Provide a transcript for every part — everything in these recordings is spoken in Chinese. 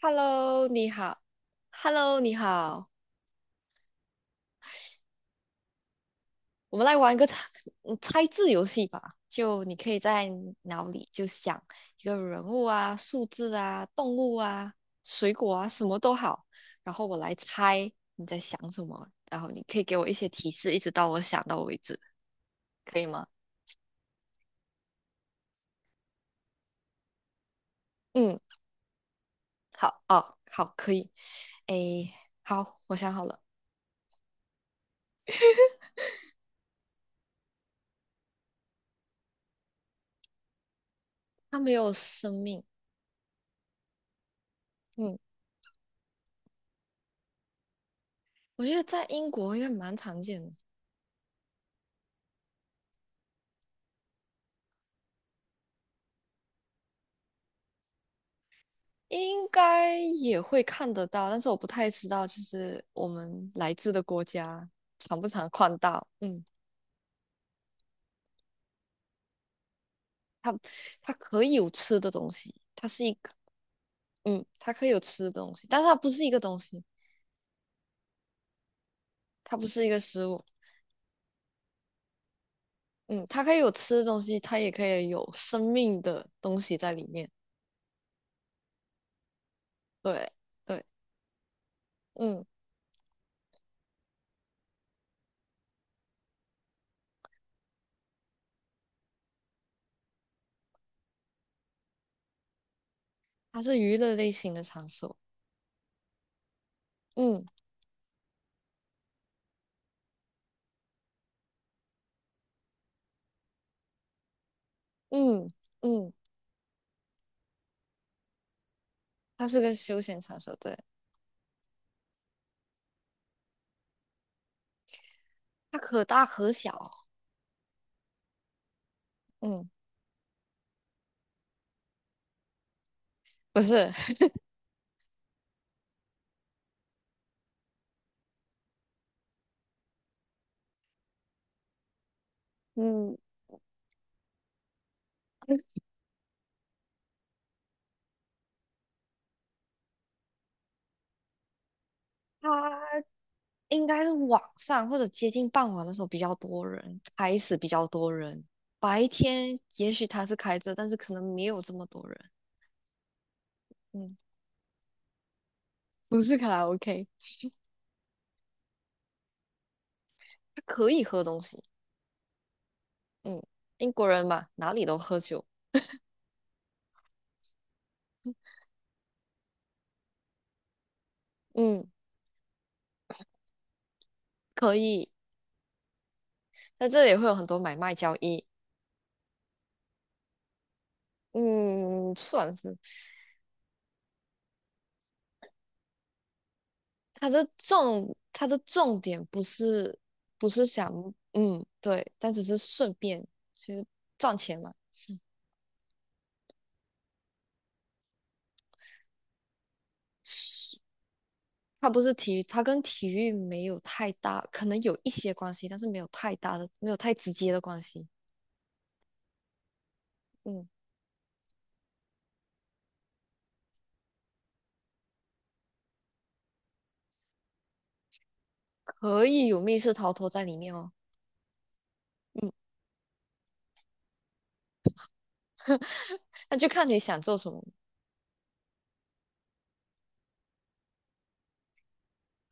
Hello，你好。Hello，你好。我们来玩一个猜字游戏吧。就你可以在脑里就想一个人物啊、数字啊、动物啊、水果啊，什么都好。然后我来猜你在想什么，然后你可以给我一些提示，一直到我想到为止，可以吗？嗯，好哦，好，可以。诶，好，我想好了。它没有生命。嗯，我觉得在英国应该蛮常见的。应该也会看得到，但是我不太知道，就是我们来自的国家常不常看到。嗯，它它可以有吃的东西，它是一个。嗯，它可以有吃的东西，但是它不是一个东西，它不是一个食物。嗯，它可以有吃的东西，它也可以有生命的东西在里面。对，对。嗯，它是娱乐类型的场所。嗯嗯嗯。它是个休闲场所，对，它可大可小。嗯，不是。嗯，他应该是晚上或者接近傍晚的时候比较多人，开始比较多人。白天也许他是开着，但是可能没有这么多人。嗯，不是卡拉 OK，他可以喝东西。嗯，英国人嘛，哪里都喝酒。嗯，可以，在这里会有很多买卖交易。嗯，算是他的重点不是不是想，嗯，对，但只是顺便，其实赚钱嘛。它不是体育，它跟体育没有太大，可能有一些关系，但是没有太大的，没有太直接的关系。嗯，可以有密室逃脱在里面哦。嗯，那就看你想做什么。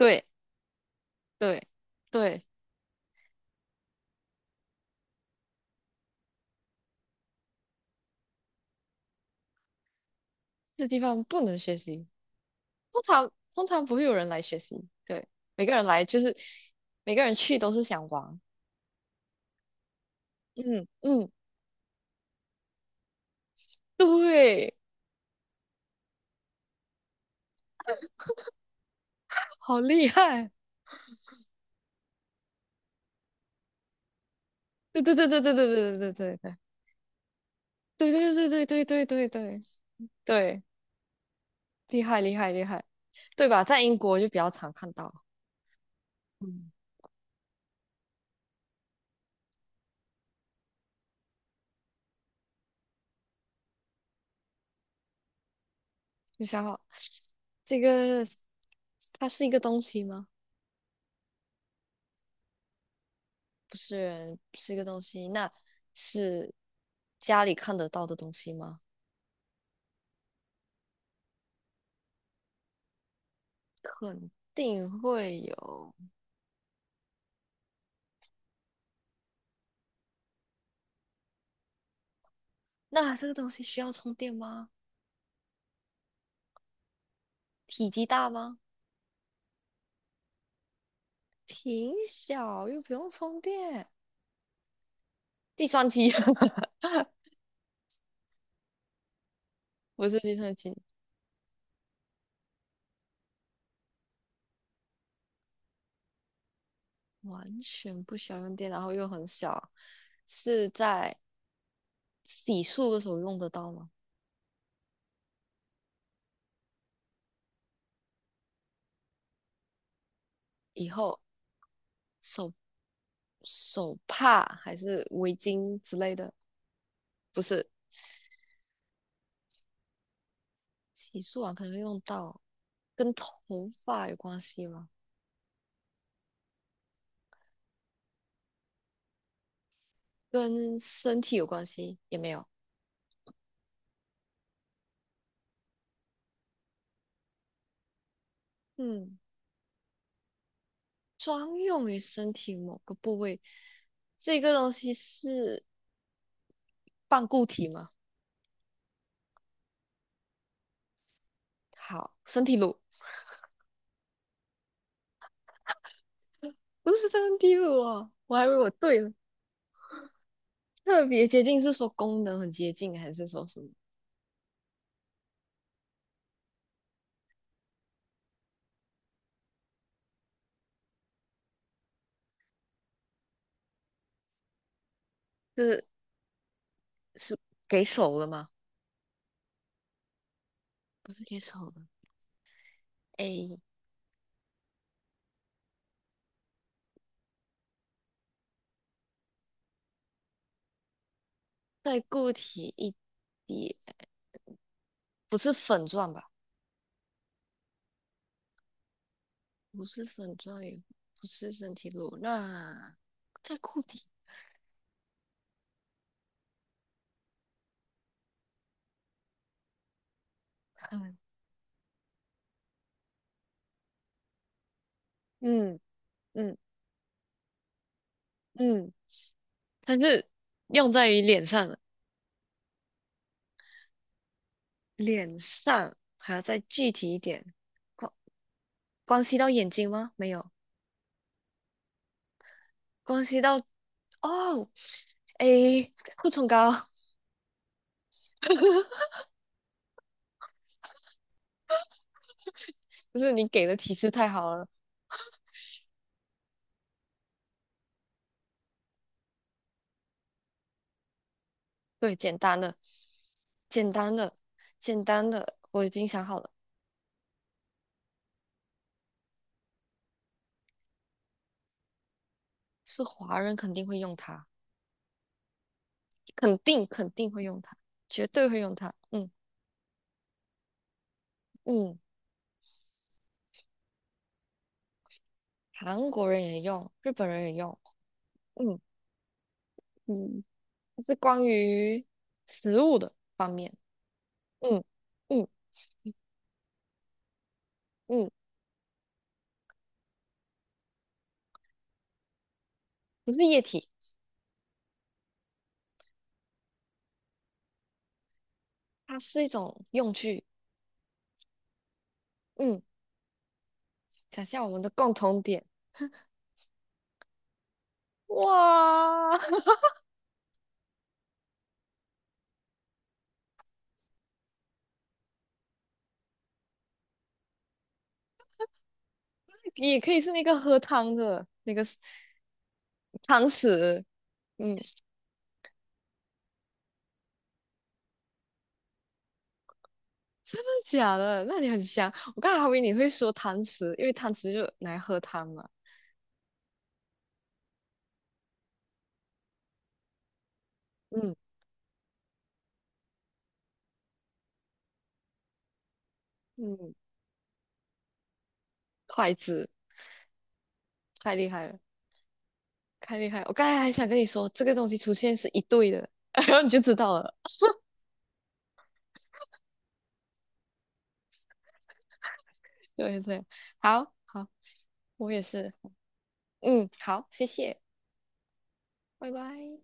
对对对，这地方不能学习，通常不会有人来学习。对，每个人来就是每个人去都是想玩。嗯嗯，对，好厉害。对对对对对对对对对对对对对对对对对对。厉害厉害厉害，对吧？在英国就比较常看到。嗯，你想好。这个是它是一个东西吗？不是，不是一个东西，那是家里看得到的东西吗？肯定会有。那这个东西需要充电吗？体积大吗？挺小，又不用充电。计算机。 不是计算机，完全不需要用电，然后又很小，是在洗漱的时候用得到吗？以后手手帕还是围巾之类的，不是。洗漱完可能会用到，跟头发有关系吗？跟身体有关系也没有。嗯，专用于身体某个部位，这个东西是半固体吗？好，身体乳。不是身体乳啊，我还以为我对了。特别接近是说功能很接近，还是说什么？就是是给手的吗？不是给手的，哎，再固体一点。不是粉状吧？不是粉状，也不是身体乳，那再固体。嗯嗯嗯嗯，它是用在于脸上的。脸上还要再具体一点。关关系到眼睛吗？没有，关系到，哦，诶，护唇膏。不是你给的提示太好了。对，简单的，简单的，简单的，我已经想好了。是华人肯定会用它，肯定肯定会用它，绝对会用它。嗯嗯，韩国人也用，日本人也用。嗯嗯，是关于食物的方面。嗯嗯嗯，不是液体，它是一种用具。嗯，想象我们的共同点。哇，也可以是那个喝汤的那个 汤匙。嗯，真的假的？那你很香。我刚才还以为你会说汤匙，因为汤匙就拿来喝汤嘛。嗯。嗯，筷子太厉害了，太厉害了。我刚才还想跟你说，这个东西出现是一对的，然后你就知道了。对对，好好，我也是。嗯，好，谢谢，拜拜。